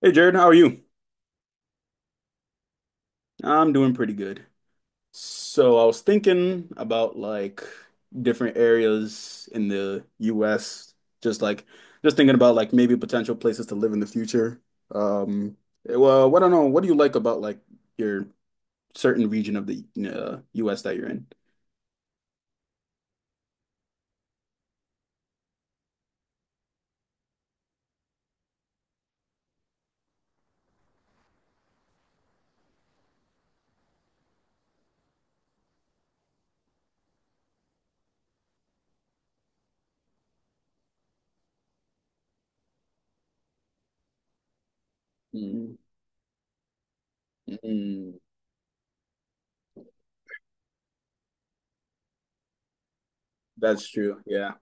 Hey Jared, how are you? I'm doing pretty good. So I was thinking about like different areas in the US, just like just thinking about like maybe potential places to live in the future. Um, well, I don't know. What do you like about like your certain region of the US that you're in? Mm, mm, that's true. Yeah.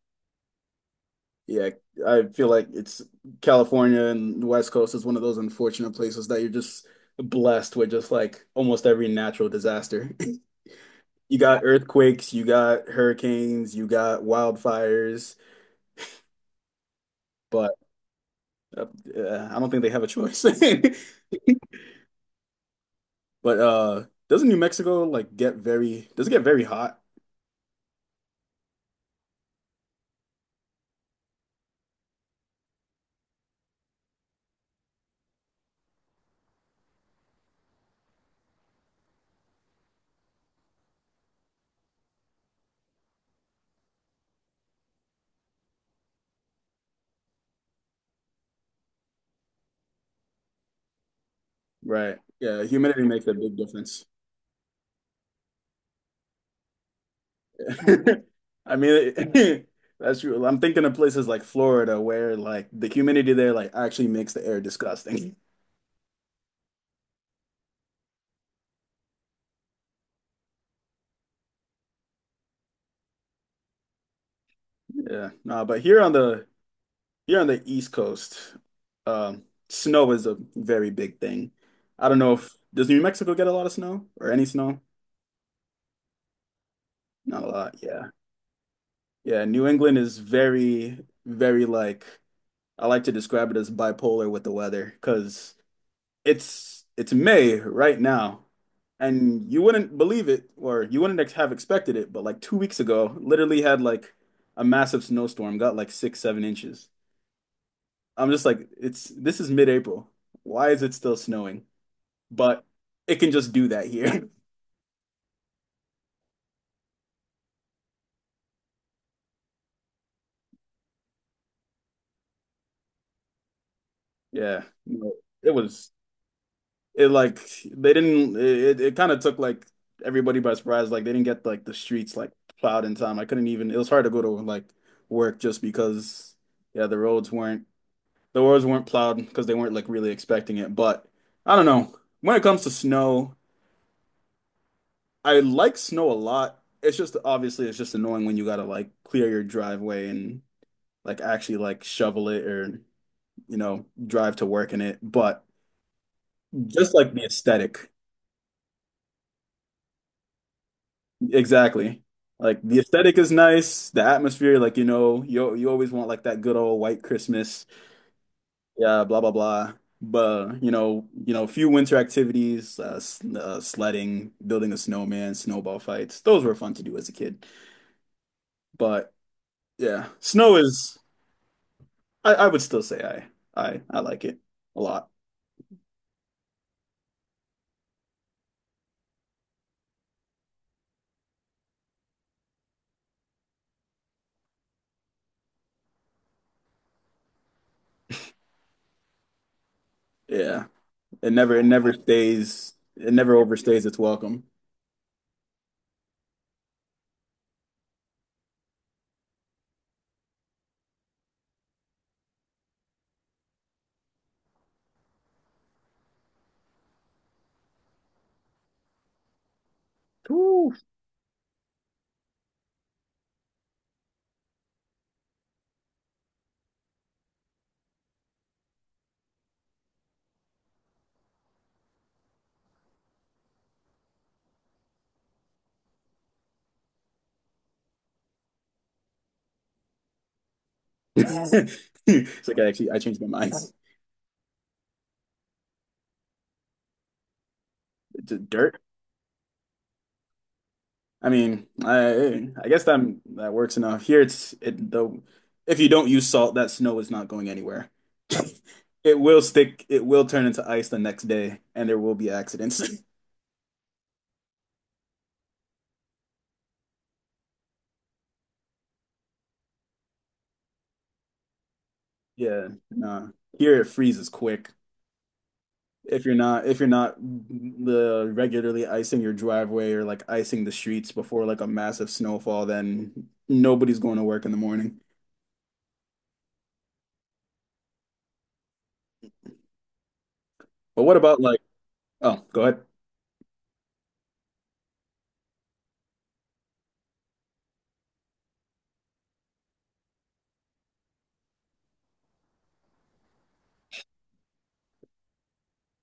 Yeah, I feel like it's California and the West Coast is one of those unfortunate places that you're just blessed with just like almost every natural disaster. You got earthquakes, you got hurricanes, you got wildfires, but uh, I don't think they have a choice. But doesn't New Mexico like does it get very hot? Right. Yeah, humidity makes a big difference. I mean, that's true. I'm thinking of places like Florida where like the humidity there like actually makes the air disgusting. Yeah, no, but here on the East Coast, um, snow is a very big thing. I don't know if does New Mexico get a lot of snow or any snow? Not a lot, yeah. Yeah, New England is very, very like I like to describe it as bipolar with the weather because it's May right now, and you wouldn't believe it, or you wouldn't have expected it, but like 2 weeks ago, literally had like a massive snowstorm, got like 6, 7 inches. I'm just like, it's this is mid-April. Why is it still snowing? But it can just do that here. Yeah, no, it was it like they didn't it kind of took like everybody by surprise. Like they didn't get like the streets like plowed in time. I couldn't even. It was hard to go to like work just because, yeah, the roads weren't. The roads weren't plowed because they weren't like really expecting it. But I don't know. When it comes to snow, I like snow a lot. It's just obviously it's just annoying when you gotta like clear your driveway and like actually like shovel it or you know drive to work in it. But just like the aesthetic, exactly. Like the aesthetic is nice, the atmosphere, like you know, you always want like that good old white Christmas. Yeah, blah blah blah. But a few winter activities, sledding, building a snowman, snowball fights. Those were fun to do as a kid. But yeah, snow is I would still say I like it a lot. Yeah, it never overstays its welcome. It's like I actually I changed my mind. Dirt. I mean, I guess that works enough. Here it though, if you don't use salt, that snow is not going anywhere. It will stick, it will turn into ice the next day, and there will be accidents. Yeah, nah. Here it freezes quick. If you're not the regularly icing your driveway or like icing the streets before like a massive snowfall, then nobody's going to work in the morning. But what about like, oh, go ahead.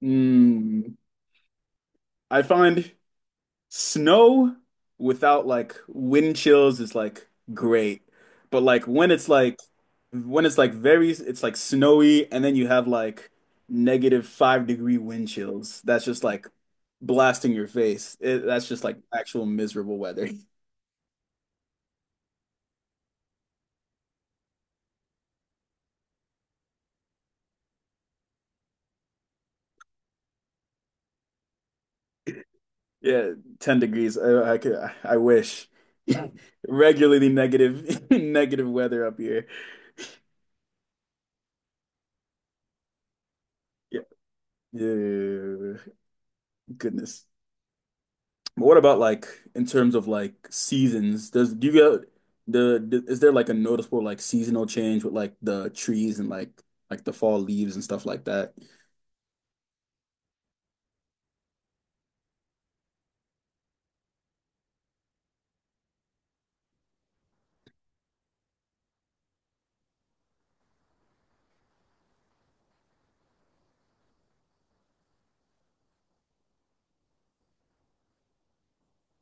Mm, I find snow without like wind chills is like great. But like when it's like very it's like snowy, and then you have like negative 5 degree wind chills. That's just like blasting your face. That's just like actual miserable weather. Yeah, 10 degrees. I could I wish. Regularly negative negative weather up here. Yeah. Yeah, yeah, yeah, yeah, yeah. Goodness. But what about like in terms of like seasons? Does Do you get the is there like a noticeable like seasonal change with like the trees and like the fall leaves and stuff like that?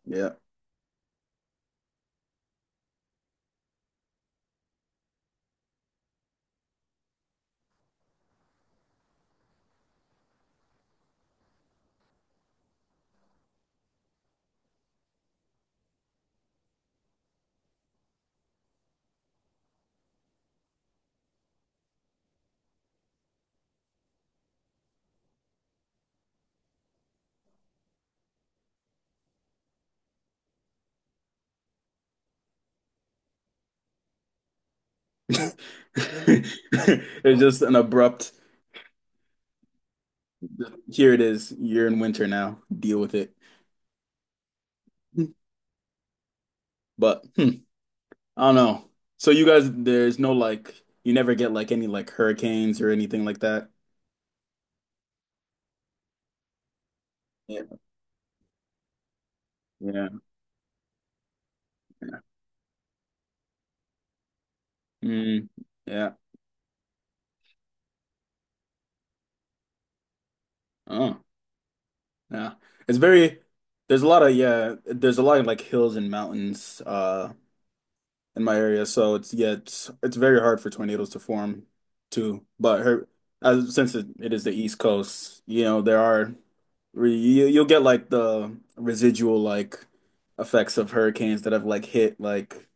Yeah. It's just an abrupt. Here it is. You're in winter now. Deal with it. But I don't know. So you guys, there's no like, you never get like any like hurricanes or anything like that. Yeah. Yeah. Mm, yeah. Oh. Yeah. It's very there's a lot of yeah, there's a lot of like hills and mountains in my area, so it's yeah, it's very hard for tornadoes to form too. But her as since it is the East Coast, you know, there are you'll get like the residual like effects of hurricanes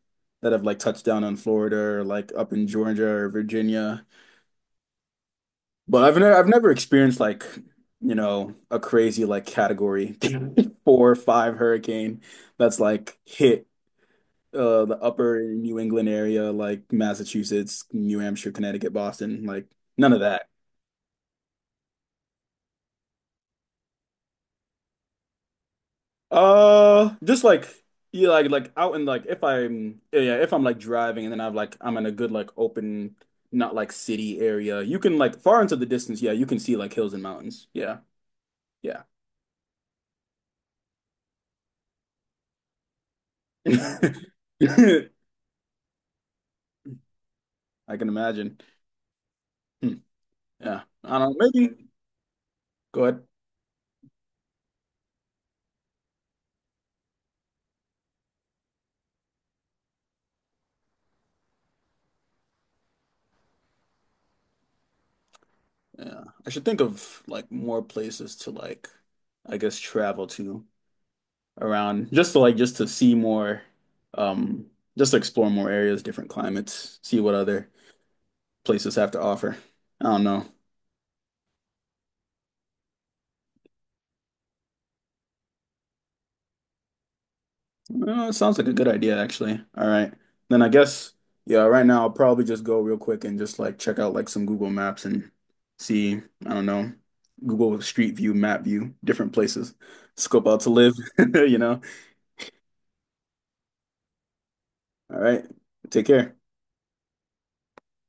that have like touched down on Florida or like up in Georgia or Virginia. But I've never experienced like, you know, a crazy like category 4 or 5 hurricane that's like hit the upper New England area, like Massachusetts, New Hampshire, Connecticut, Boston, like none of that. Just like, yeah, like out in like if I'm yeah, if I'm like driving, and then I'm in a good like open, not like city area. You can like far into the distance, yeah, you can see like hills and mountains. Yeah. Yeah. I can imagine. Hmm. Yeah. I don't know. Maybe. Go ahead. Yeah. I should think of like more places to like I guess travel to around, just to like just to see more um just to explore more areas, different climates, see what other places have to offer. I don't know. It sounds like a good idea actually. All right. Then I guess, yeah, right now I'll probably just go real quick and just like check out like some Google Maps and see, I don't know, Google Street View, map view, different places, scope out to live. you know. All right. Take care.